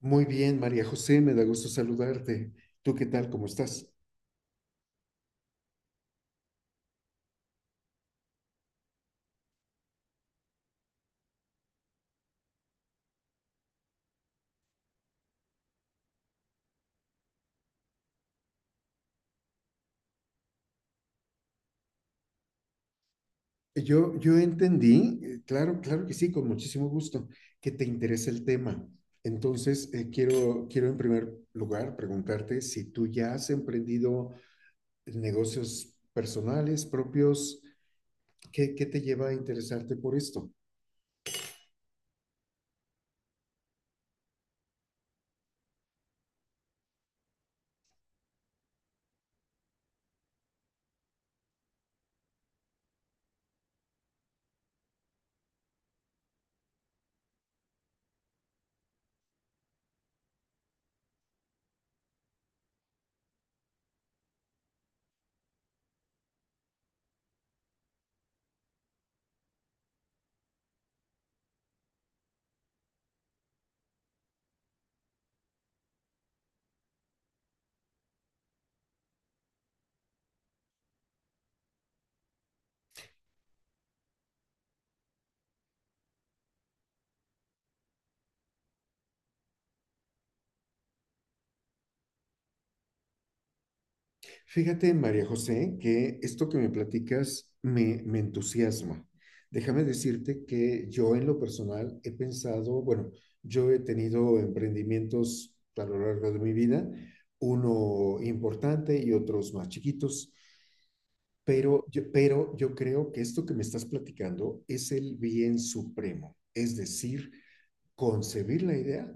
Muy bien, María José, me da gusto saludarte. ¿Tú qué tal? ¿Cómo estás? Yo entendí, claro, claro que sí, con muchísimo gusto, que te interesa el tema. Entonces, quiero en primer lugar preguntarte si tú ya has emprendido negocios personales, propios, ¿qué te lleva a interesarte por esto? Fíjate, María José, que esto que me platicas me entusiasma. Déjame decirte que yo en lo personal he pensado, bueno, yo he tenido emprendimientos a lo largo de mi vida, uno importante y otros más chiquitos, pero yo creo que esto que me estás platicando es el bien supremo, es decir, concebir la idea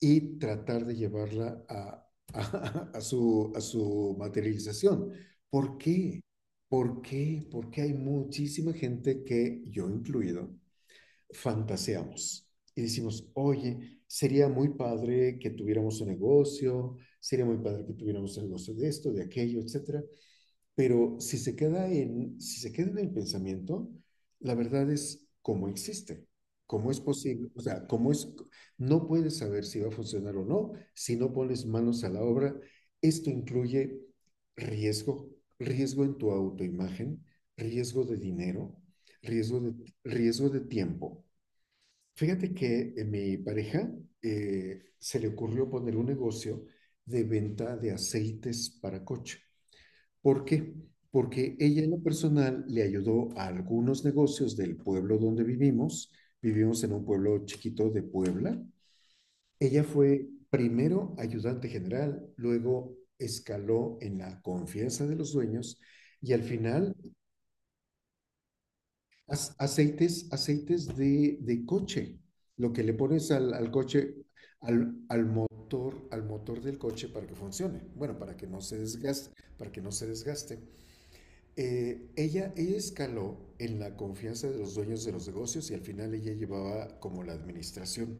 y tratar de llevarla a su, a su materialización. ¿Por qué? ¿Por qué? Porque hay muchísima gente que, yo incluido, fantaseamos y decimos, oye, sería muy padre que tuviéramos un negocio, sería muy padre que tuviéramos un negocio de esto, de aquello, etcétera. Pero si se queda en el pensamiento, la verdad es cómo existe, cómo es posible, o sea, cómo es, no puedes saber si va a funcionar o no si no pones manos a la obra. Esto incluye riesgo, riesgo en tu autoimagen, riesgo de dinero, riesgo de tiempo. Fíjate que mi pareja se le ocurrió poner un negocio de venta de aceites para coche. ¿Por qué? Porque ella en lo personal le ayudó a algunos negocios del pueblo donde vivimos. Vivimos en un pueblo chiquito de Puebla. Ella fue primero ayudante general, luego escaló en la confianza de los dueños y al final aceites, de coche, lo que le pones al coche, al motor del coche para que funcione, bueno, para que no se desgaste, para que no se desgaste. Ella escaló en la confianza de los dueños de los negocios y al final ella llevaba como la administración.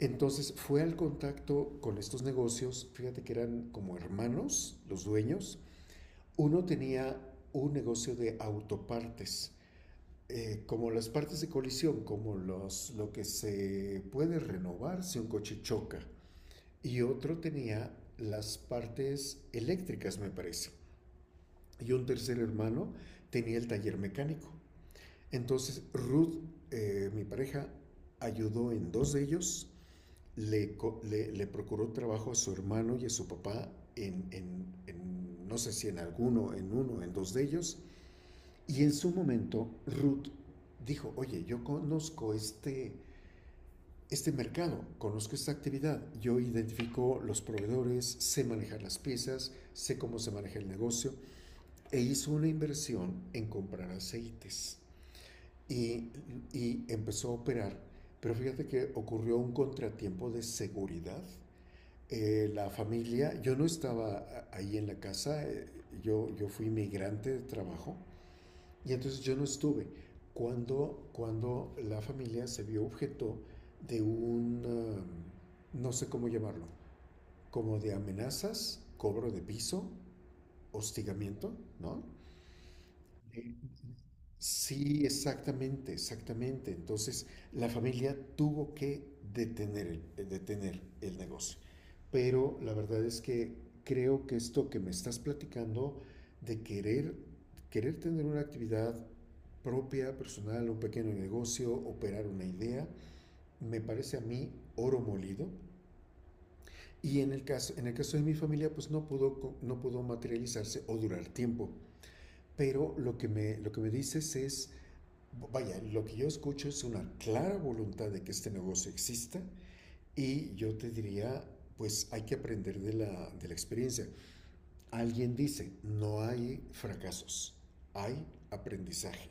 Entonces fue al contacto con estos negocios, fíjate que eran como hermanos los dueños. Uno tenía un negocio de autopartes, como las partes de colisión, como los, lo que se puede renovar si un coche choca. Y otro tenía las partes eléctricas, me parece. Y un tercer hermano tenía el taller mecánico. Entonces Ruth, mi pareja, ayudó en dos de ellos, le, le procuró trabajo a su hermano y a su papá en, no sé si en alguno, en uno, en dos de ellos. Y en su momento Ruth dijo, oye, este mercado, conozco esta actividad, yo identifico los proveedores, sé manejar las piezas, sé cómo se maneja el negocio, e hizo una inversión en comprar aceites y, y empezó a operar. Pero fíjate que ocurrió un contratiempo de seguridad. La familia, yo no estaba ahí en la casa, yo fui migrante de trabajo y entonces yo no estuve. Cuando la familia se vio objeto de un, no sé cómo llamarlo, como de amenazas, cobro de piso, hostigamiento, ¿no? Sí, exactamente, exactamente. Entonces, la familia tuvo que detener el negocio. Pero la verdad es que creo que esto que me estás platicando de querer tener una actividad propia, personal, un pequeño negocio, operar una idea, me parece a mí oro molido. Y en el caso de mi familia, pues no pudo, no pudo materializarse o durar tiempo. Pero lo que me dices es, vaya, lo que yo escucho es una clara voluntad de que este negocio exista y yo te diría, pues hay que aprender de de la experiencia. Alguien dice, no hay fracasos, hay aprendizaje.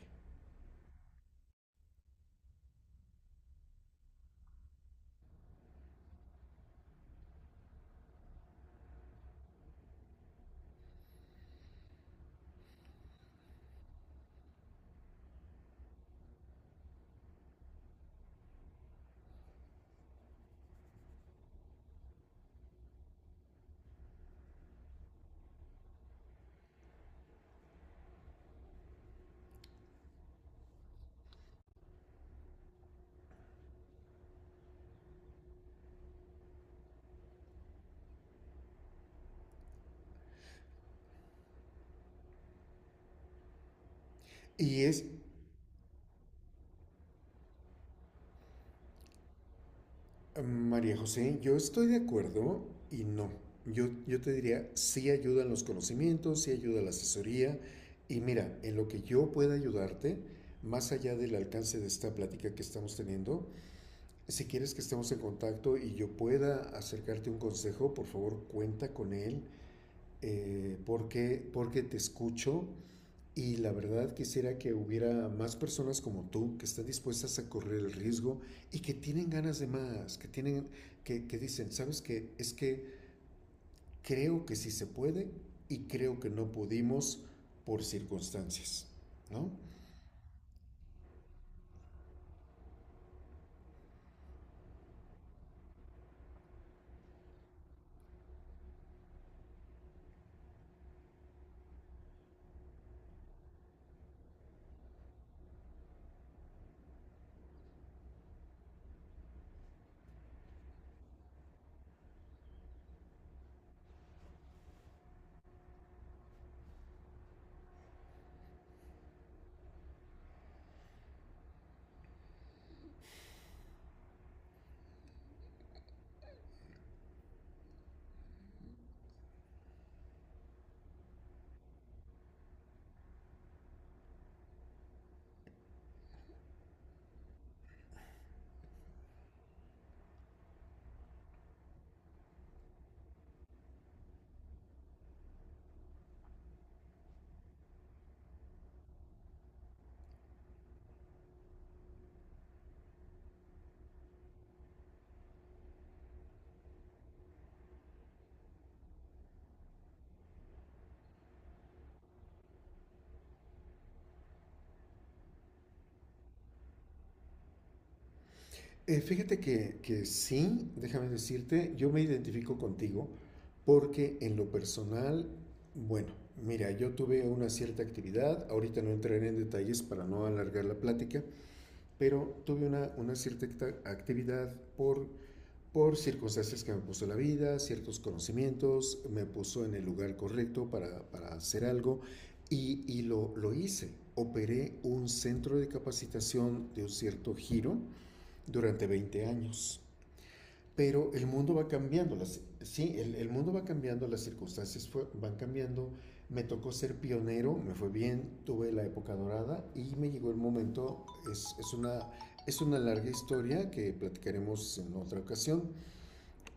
Y es María José, yo estoy de acuerdo y no. Yo te diría, sí ayudan los conocimientos, sí ayuda la asesoría. Y mira, en lo que yo pueda ayudarte, más allá del alcance de esta plática que estamos teniendo, si quieres que estemos en contacto y yo pueda acercarte un consejo, por favor cuenta con él, porque te escucho y la verdad quisiera que hubiera más personas como tú que están dispuestas a correr el riesgo y que tienen ganas de más, que dicen, ¿sabes qué? Es que creo que sí se puede y creo que no pudimos por circunstancias, ¿no? Que sí, déjame decirte, yo me identifico contigo porque en lo personal, bueno, mira, yo tuve una cierta actividad, ahorita no entraré en detalles para no alargar la plática, pero tuve una cierta actividad por circunstancias que me puso la vida, ciertos conocimientos, me puso en el lugar correcto para hacer algo y lo hice. Operé un centro de capacitación de un cierto giro durante 20 años. Pero el mundo va cambiando, el mundo va cambiando, las circunstancias van cambiando. Me tocó ser pionero, me fue bien, tuve la época dorada y me llegó el momento, es, es una, es una larga historia que platicaremos en otra ocasión.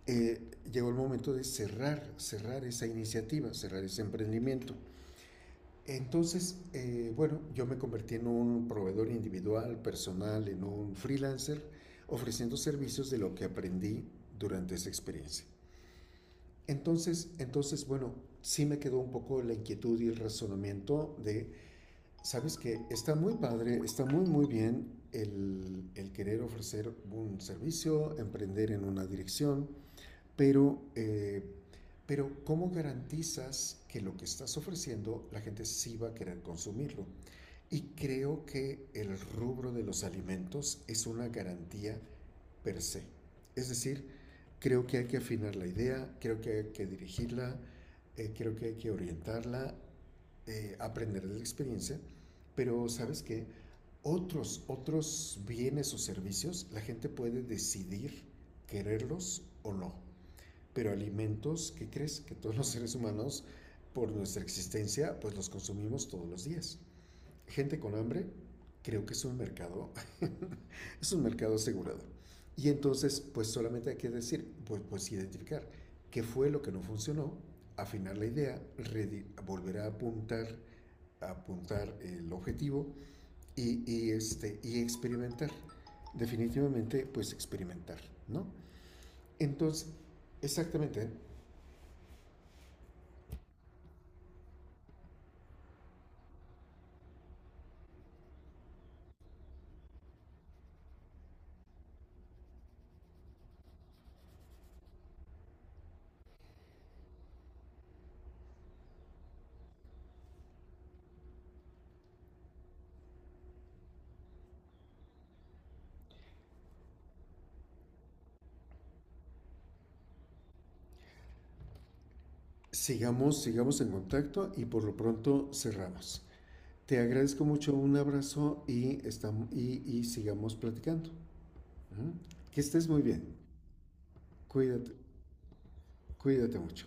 Eh, llegó el momento de cerrar, cerrar esa iniciativa, cerrar ese emprendimiento. Entonces, bueno, yo me convertí en un proveedor individual, personal, en un freelancer, ofreciendo servicios de lo que aprendí durante esa experiencia. Entonces, bueno, sí me quedó un poco la inquietud y el razonamiento de, sabes que está muy padre, está muy, muy bien querer ofrecer un servicio, emprender en una dirección, pero, eh, pero ¿cómo garantizas que lo que estás ofreciendo la gente sí va a querer consumirlo? Y creo que el rubro de los alimentos es una garantía per se. Es decir, creo que hay que afinar la idea, creo que hay que dirigirla, creo que hay que orientarla, aprender de la experiencia, pero sabes que otros bienes o servicios la gente puede decidir quererlos o no. Pero alimentos, ¿qué crees? Que todos los seres humanos, por nuestra existencia, pues los consumimos todos los días gente con hambre, creo que es un mercado, es un mercado asegurado. Y entonces, pues solamente hay que decir, pues identificar qué fue lo que no funcionó, afinar la idea, volver a apuntar el objetivo y y experimentar. Definitivamente, pues experimentar, ¿no? Entonces, exactamente, sigamos, sigamos en contacto y por lo pronto cerramos. Te agradezco mucho, un abrazo y y sigamos platicando. Ujú. Que estés muy bien. Cuídate, cuídate mucho.